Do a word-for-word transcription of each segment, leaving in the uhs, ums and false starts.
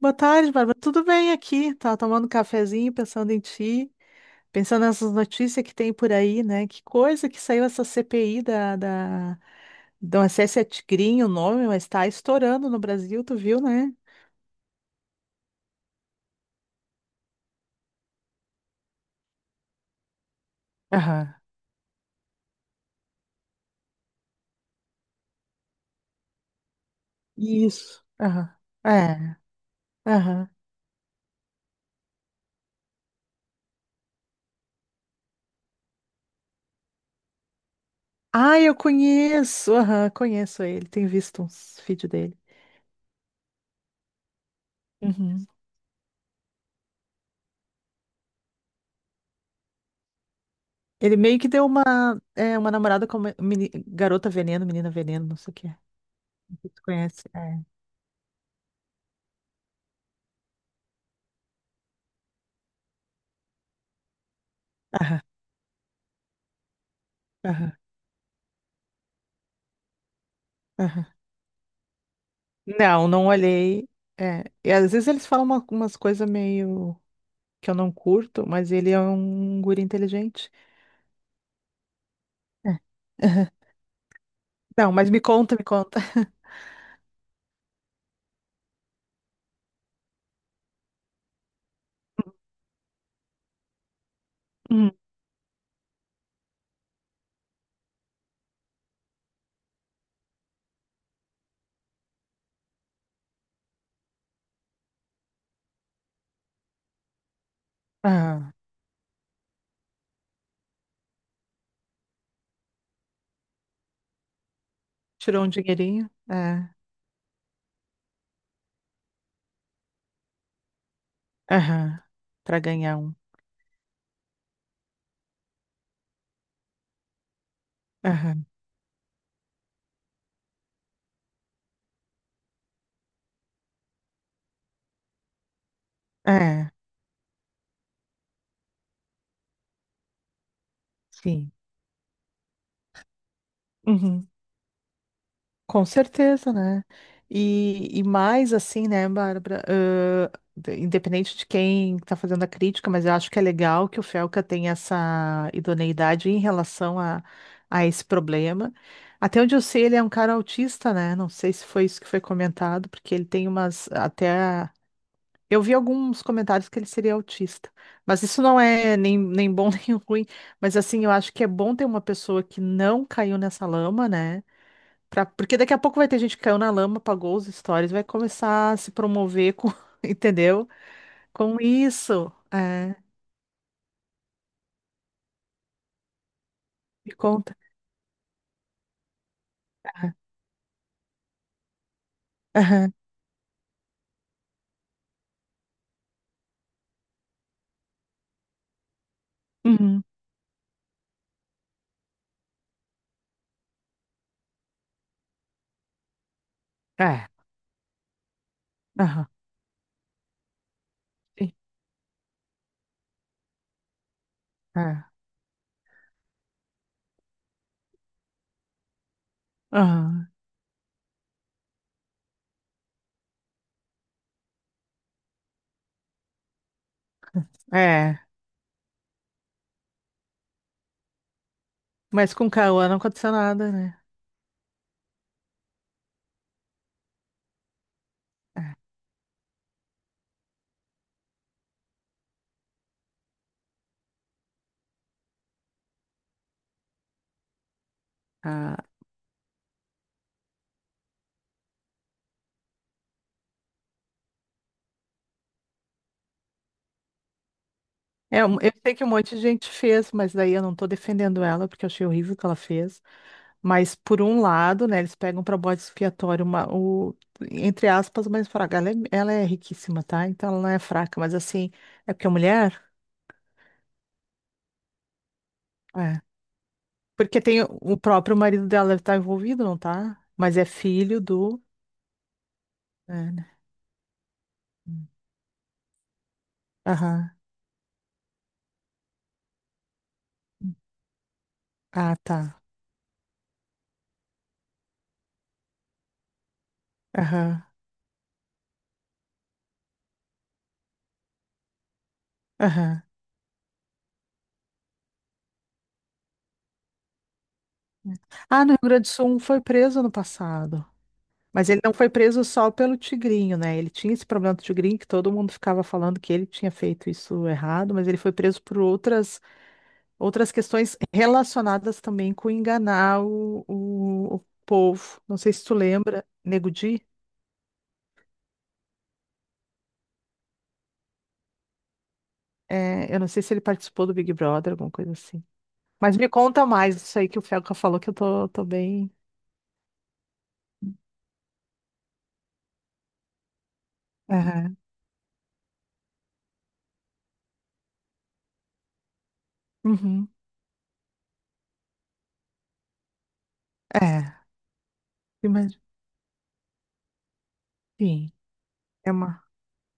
Boa tarde, Bárbara. Tudo bem aqui? Tava tomando um cafezinho, pensando em ti, pensando nessas notícias que tem por aí, né? Que coisa que saiu essa C P I da, da, do acesso a Tigrinho, o nome, mas tá estourando no Brasil, tu viu, né? Aham. Isso. Aham. É. Aham. Ah, eu conheço. Aham, conheço ele. Tenho visto uns vídeos dele. Uhum. Ele meio que deu uma, é, uma namorada como meni- garota veneno, menina veneno, não sei o que é. Não sei se tu conhece? É. Aham, aham, aham. Não, não olhei. É, e às vezes eles falam uma- umas coisas meio que eu não curto, mas ele é um guri inteligente. É. Aham. Não, mas me conta, me conta. Hum. Aham. Tirou um dinheirinho? É. Aham. Pra ganhar um. Aham. É, sim. Uhum. Com certeza, né? E, e mais assim, né, Bárbara? ãh, de- independente de quem está fazendo a crítica, mas eu acho que é legal que o Felca tenha essa idoneidade em relação a, a esse problema. Até onde eu sei, ele é um cara autista, né? Não sei se foi isso que foi comentado, porque ele tem umas até. Eu vi alguns comentários que ele seria autista, mas isso não é nem, nem bom nem ruim. Mas assim, eu acho que é bom ter uma pessoa que não caiu nessa lama, né? Pra- Porque daqui a pouco vai ter gente que caiu na lama, apagou os stories, vai começar a se promover com, entendeu? Com isso. É, me conta. Aham. Aham. Uhum. É. Aham. Sim. É. Aham. É. Mas com Cauã não aconteceu nada, né? É. Ah. É, um- eu sei que um monte de gente fez, mas daí eu não tô defendendo ela, porque eu achei horrível o que ela fez. Mas, por um lado, né, eles pegam para bode expiatório uma, o, entre aspas, mas fraca. Ela é, ela é riquíssima, tá? Então ela não é fraca, mas assim, é porque é mulher? É. Porque tem o o próprio marido dela deve estar envolvido, não tá? Mas é filho do. É, né? Aham. Ah, tá. Aham. Aham. Ah, no Rio Grande do Sul um foi preso no passado. Mas ele não foi preso só pelo tigrinho, né? Ele tinha esse problema do tigrinho que todo mundo ficava falando que ele tinha feito isso errado, mas ele foi preso por outras outras questões relacionadas também com enganar o, o, o povo. Não sei se tu lembra, Nego Di, é, eu não sei se ele participou do Big Brother, alguma coisa assim. Mas me conta mais isso aí que o Felca falou, que eu tô, tô bem. Aham. Uhum. É, mas enfim, é uma,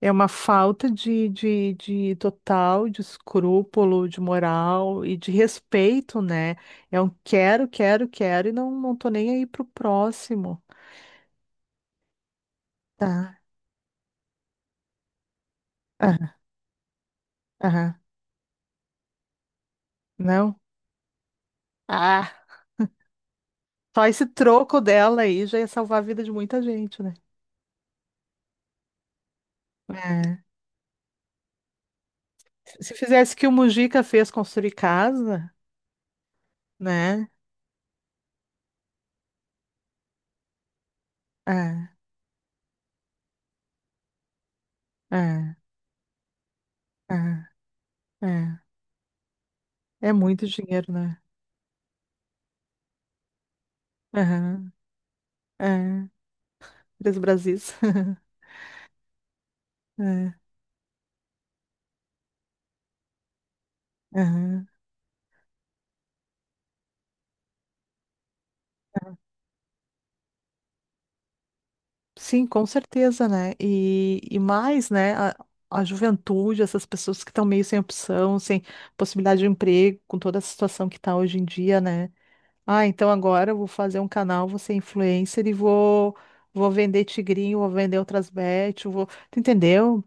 é uma falta de, de, de total, de escrúpulo, de moral e de respeito, né? É um quero, quero, quero e não, não tô nem aí pro próximo. Tá. Aham, aham. Não. Ah, só esse troco dela aí já ia salvar a vida de muita gente, né? É. Se fizesse o que o Mujica fez construir casa, né? É, é, é, é. É muito dinheiro, né? Aham, é. Três Brasis. É, aham. Sim, com certeza, né? E, e mais, né? A, a juventude, essas pessoas que estão meio sem opção, sem possibilidade de emprego, com toda a situação que está hoje em dia, né? Ah, então agora eu vou fazer um canal, vou ser influencer e vou, vou vender tigrinho, vou vender outras bet, eu vou, tu entendeu?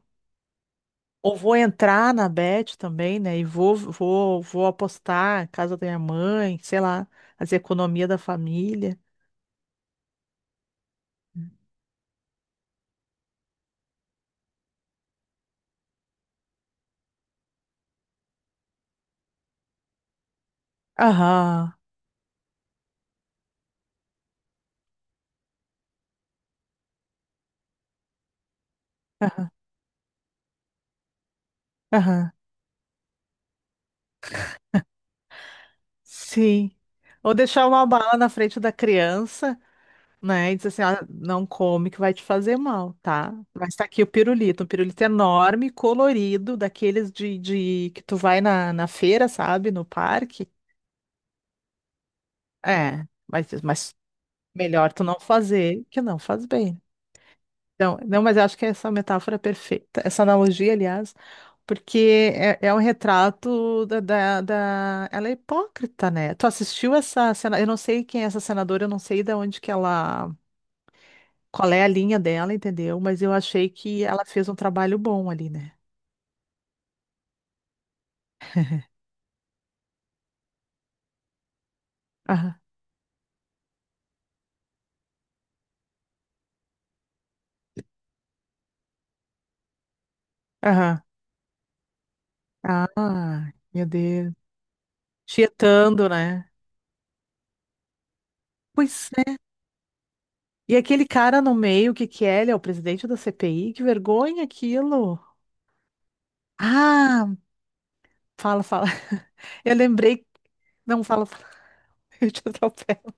Ou vou entrar na bet também, né? E vou, vou, vou apostar, casa da minha mãe, sei lá, as economias da família. Aham, aham, aham. Sim. Ou deixar uma bala na frente da criança. Né? E diz assim, ah, não come que vai te fazer mal, tá? Mas tá aqui o pirulito, um pirulito enorme, colorido, daqueles de, de que tu vai na, na feira, sabe? No parque. É, mas, mas melhor tu não fazer que não faz bem. Então, não, mas eu acho que essa metáfora é perfeita, essa analogia, aliás, porque é, é um retrato da, da, da- Ela é hipócrita, né? Tu assistiu essa cena? Eu não sei quem é essa senadora, eu não sei de onde que ela. Qual é a linha dela, entendeu? Mas eu achei que ela fez um trabalho bom ali, né? Aham, aham. Ah, meu Deus. Tietando, né? Pois é. E aquele cara no meio, o que que é? Ele é o presidente da C P I? Que vergonha aquilo. Ah, fala, fala. Eu lembrei. Não, fala, fala. Eu te atropelo.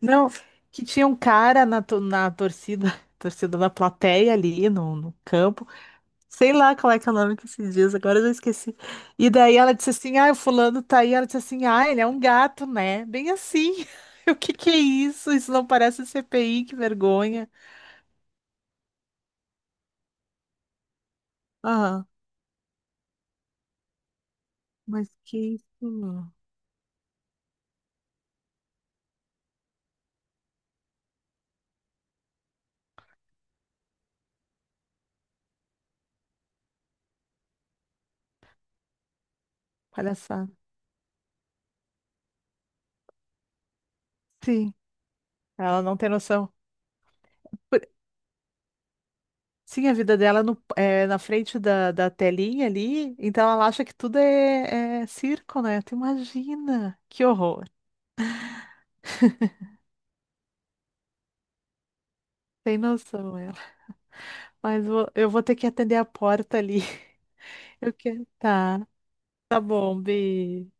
Não, que tinha um cara na, to- na torcida, torcida da plateia ali no, no campo. Sei lá qual é que é o nome que se diz, agora eu já esqueci. E daí ela disse assim: ah, o fulano tá aí. Ela disse assim: ah, ele é um gato, né? Bem assim. O que que é isso? Isso não parece C P I, que vergonha. Aham, mas que isso? Palhaçada. Sim, ela não tem noção. Por- Sim, a vida dela no- é na frente da, da telinha ali, então ela acha que tudo é, é circo, né? Tu imagina, que horror. Tem noção ela. Mas vou- eu vou ter que atender a porta ali. Eu quero. Tá. Tá bom, Bi.